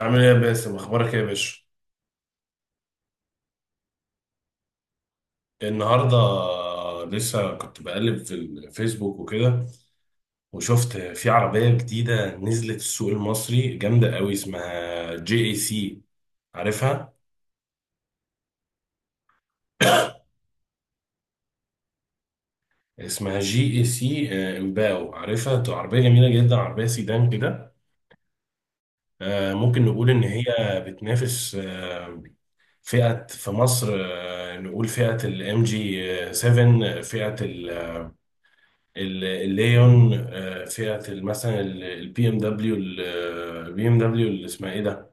عامل ايه يا باسم، اخبارك ايه يا باشا؟ النهارده لسه كنت بقلب في الفيسبوك وكده، وشفت في عربيه جديده نزلت السوق المصري جامده قوي اسمها جي اي سي. عارفها؟ اسمها جي اي سي. امباو عارفها، دي عربيه جميله جدا، عربيه سيدان كده. ممكن نقول ان هي بتنافس فئه في مصر. نقول فئه الام جي 7، فئه الليون. فئة مثلا البي ام دبليو اللي اسمها ايه ده،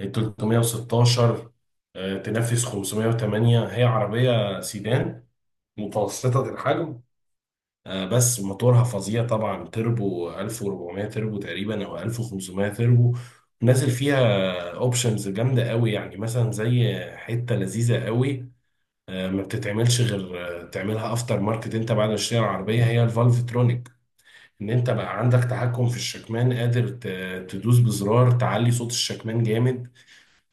ال 316. تنافس 508. هي عربية سيدان متوسطة الحجم. بس موتورها فظيع طبعا، تربو 1400 تربو تقريبا او 1500 تربو نازل فيها. اوبشنز جامدة قوي، يعني مثلا زي حتة لذيذة قوي ما بتتعملش غير تعملها افتر ماركت انت بعد ما تشتري العربية، هي الفالفترونيك ان انت بقى عندك تحكم في الشكمان، قادر تدوس بزرار تعلي صوت الشكمان جامد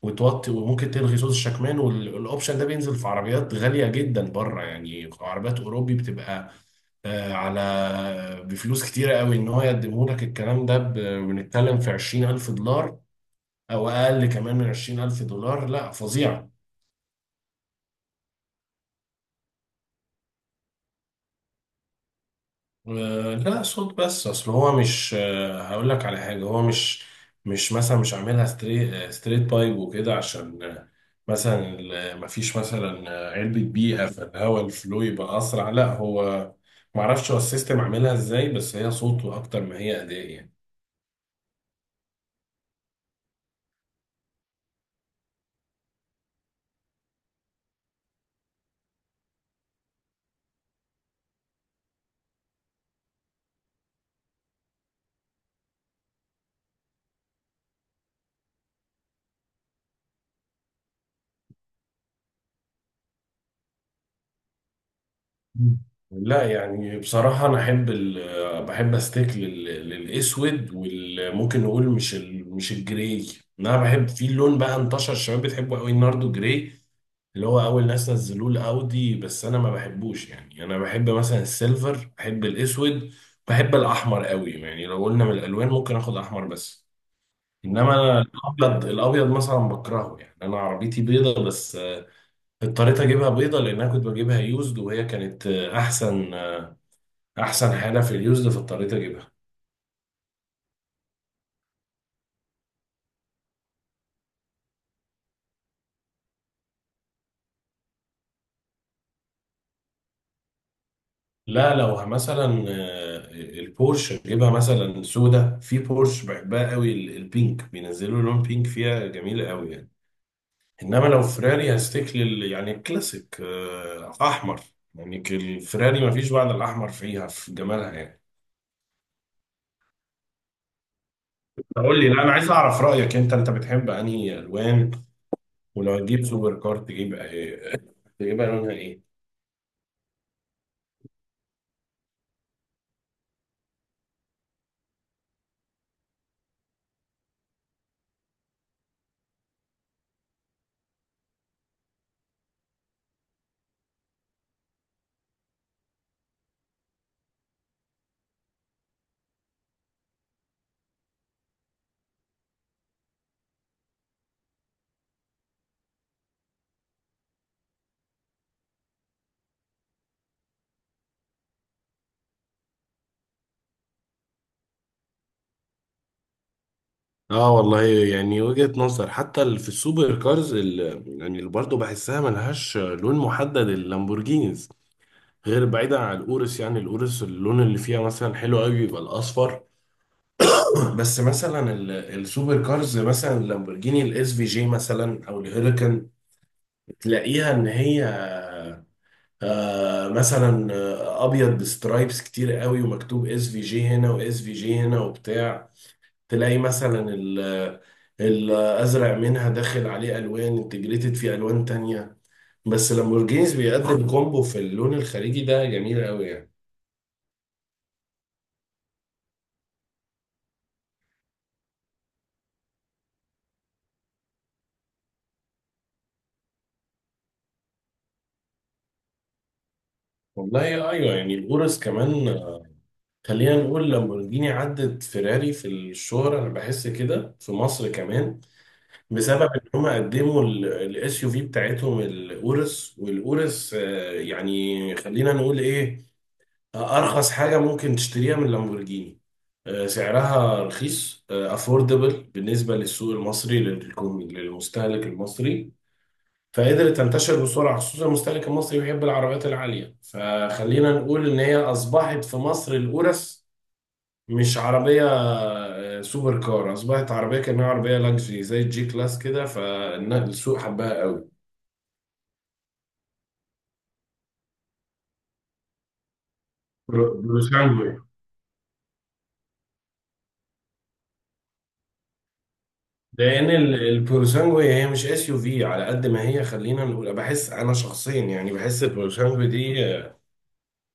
وتوطي، وممكن تلغي صوت الشكمان. والاوبشن ده بينزل في عربيات غالية جدا بره، يعني عربيات اوروبي بتبقى على بفلوس كتيرة قوي ان هو يقدمه لك. الكلام ده بنتكلم في $20000 او اقل كمان من $20000. لا فظيعة. لا صوت بس، اصل هو مش هقول لك على حاجه، هو مش مثلا مش عاملها ستريت بايب وكده، عشان مثلا مفيش مثلا علبه بيئه، فالهواء الفلو يبقى اسرع. لا هو معرفش هو السيستم عاملها ازاي، بس هي صوت اكتر ما هي اداء يعني. مم. لا يعني بصراحة، أنا أحب ال بحب أستيك للأسود، وممكن نقول مش ال مش الجراي. أنا بحب في لون بقى انتشر الشباب بتحبه أوي، الناردو جراي، اللي هو أول ناس نزلوه الأودي، بس أنا ما بحبوش. يعني أنا بحب مثلا السيلفر، بحب الأسود، بحب الأحمر أوي. يعني لو قلنا من الألوان ممكن آخد أحمر بس. إنما أنا الأبيض مثلا بكرهه. يعني أنا عربيتي بيضة، بس اضطريت اجيبها بيضه لان انا كنت بجيبها يوزد، وهي كانت احسن احسن حاجه في اليوزد في الطريق اجيبها. لا لو مثلا البورش اجيبها مثلا سودا، في بورش بحبها قوي البينك، بينزلوا لون بينك فيها جميله قوي يعني. انما لو فراري هستيك لل، يعني الكلاسيك، احمر، يعني الفراري ما فيش بعد الاحمر فيها في جمالها يعني. قول لي، لا انا عايز اعرف رايك انت، انت بتحب انهي الوان؟ ولو هتجيب سوبر كار تجيب تجيبها لونها ايه؟ اه والله يعني وجهة نظر. حتى في السوبر كارز يعني اللي برضه بحسها ملهاش لون محدد، اللامبورجينيز، غير بعيدا عن الاورس، يعني الاورس اللون اللي فيها مثلا حلو قوي بيبقى الاصفر. بس مثلا السوبر كارز مثلا، اللامبورجيني الاس في جي مثلا او الهيريكان، تلاقيها ان هي مثلا ابيض بسترايبس كتير قوي، ومكتوب اس في جي هنا واس في جي هنا وبتاع. تلاقي مثلا الازرق منها داخل عليه الوان، انتجريتد فيه الوان تانية. بس لامبورجينيز بيقدم كومبو في اللون الخارجي ده جميل قوي يعني. والله ايوه، يعني الغرز كمان. خلينا نقول لامبورجيني عدت فيراري في الشهرة، انا بحس كده في مصر كمان، بسبب ان هم قدموا الاس يو في بتاعتهم الاورس. والاورس يعني خلينا نقول ايه، ارخص حاجه ممكن تشتريها من لامبورجيني. سعرها رخيص، افوردبل بالنسبه للسوق المصري، للمستهلك المصري، فقدرت تنتشر بسرعه. خصوصا المستهلك المصري بيحب العربيات العاليه، فخلينا نقول ان هي اصبحت في مصر، الاورس، مش عربيه سوبر كار، اصبحت عربيه كانها عربيه لاكجري زي الجي كلاس كده، فالسوق حبها قوي. بروسانجو. لان البورسانجو هي مش اس يو في على قد ما هي. خلينا نقول، بحس انا شخصيا، يعني بحس البورسانجو دي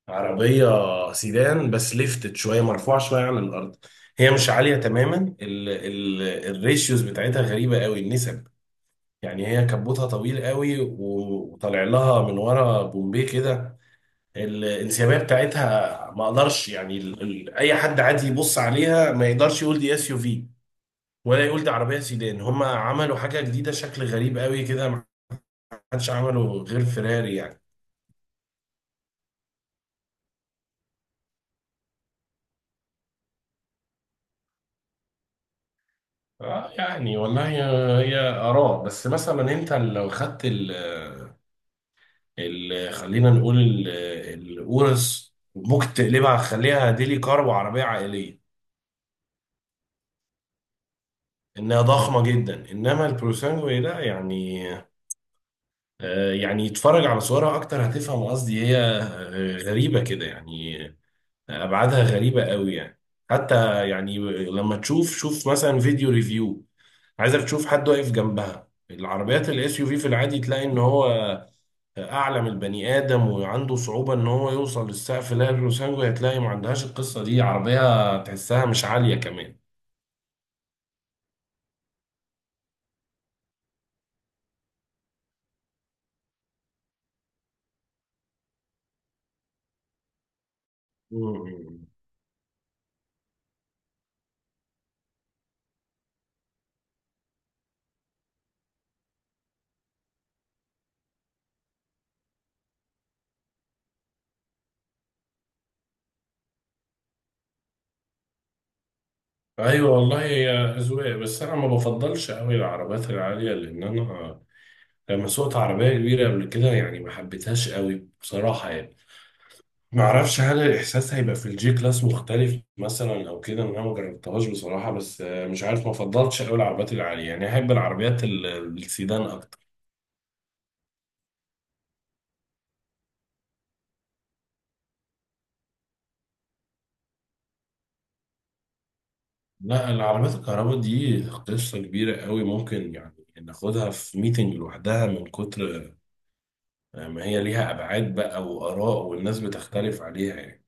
عربيه سيدان بس ليفتت شويه، مرفوعه شويه عن الارض. هي مش عاليه تماما. ال الريشيوز بتاعتها غريبه قوي، النسب، يعني هي كبوتها طويل قوي وطالع لها من ورا بومبيه كده. الانسيابيه بتاعتها ما اقدرش يعني ال ال اي حد عادي يبص عليها ما يقدرش يقول دي اس يو في، ولا يقول دي عربية سيدان. هم عملوا حاجة جديدة شكل غريب قوي كده، ما حدش عمله غير فيراري يعني. يعني والله، هي آراء. بس مثلا أنت لو خدت ال ال خلينا نقول الأورس، ممكن تقلبها تخليها ديلي كار وعربية عائلية، إنها ضخمة جدا. إنما البروسانجو ده يعني، يعني يتفرج على صورها أكتر هتفهم قصدي، هي غريبة كده يعني، ابعادها غريبه قوي يعني. حتى يعني لما تشوف، شوف مثلا فيديو ريفيو، عايزك تشوف حد واقف جنبها. العربيات الاس يو في في العادي تلاقي ان هو اعلى من البني ادم وعنده صعوبه ان هو يوصل للسقف. لا الروسانجو هتلاقي ما عندهاش القصه دي، عربيه تحسها مش عاليه كمان. مم. ايوه والله يا اذواق. بس انا ما بفضلش قوي العربيات العاليه، لان انا لما سوقت عربيه كبيره قبل كده يعني ما حبيتهاش قوي بصراحه يعني. ما اعرفش هل الاحساس هيبقى في الجي كلاس مختلف مثلا او كده، إن انا ما جربتهاش بصراحه، بس مش عارف، ما فضلتش قوي العربيات العاليه، يعني احب العربيات السيدان اكتر. لا العربيات الكهرباء دي قصه كبيره قوي، ممكن يعني ناخدها في ميتنج لوحدها، من كتر ما هي ليها ابعاد بقى واراء والناس بتختلف عليها يعني.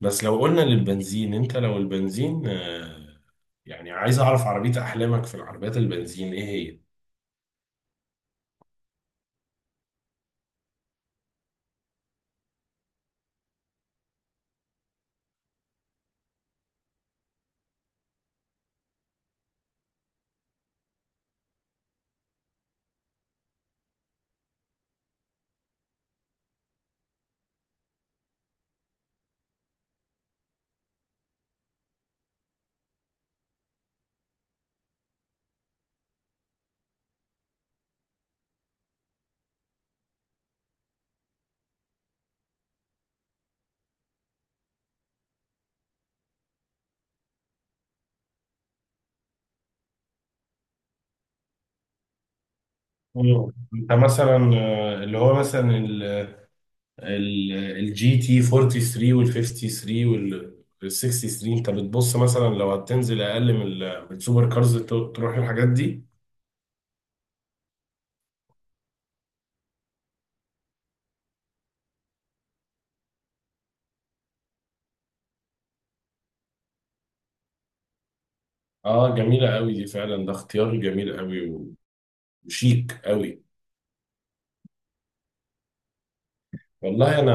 بس لو قلنا للبنزين، انت لو البنزين يعني عايز اعرف عربيه احلامك في العربيات البنزين ايه هي؟ مم. انت مثلا اللي هو مثلا الجي تي 43 وال 53 وال 63، انت بتبص مثلا لو هتنزل اقل من من السوبر كارز تروح الحاجات دي. اه جميله قوي دي فعلا، ده اختيار جميل قوي وشيك قوي. والله انا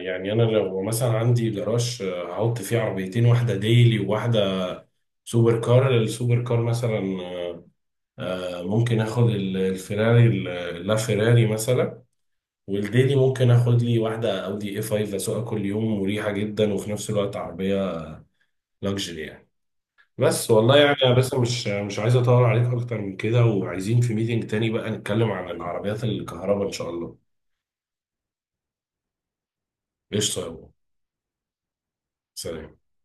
يعني، انا لو مثلا عندي جراج، هحط فيه عربيتين، واحده ديلي وواحده سوبر كار. السوبر كار مثلا ممكن اخد الفيراري لا فيراري مثلا. والديلي ممكن اخد لي واحده اودي اي 5، اسوقها كل يوم مريحه جدا، وفي نفس الوقت عربيه لوكسجري يعني. بس والله يعني، يا بس مش عايز اطول عليك اكتر من كده، وعايزين في ميتنج تاني بقى نتكلم عن العربيات الكهرباء ان شاء الله. قشطه يا أبو. سلام.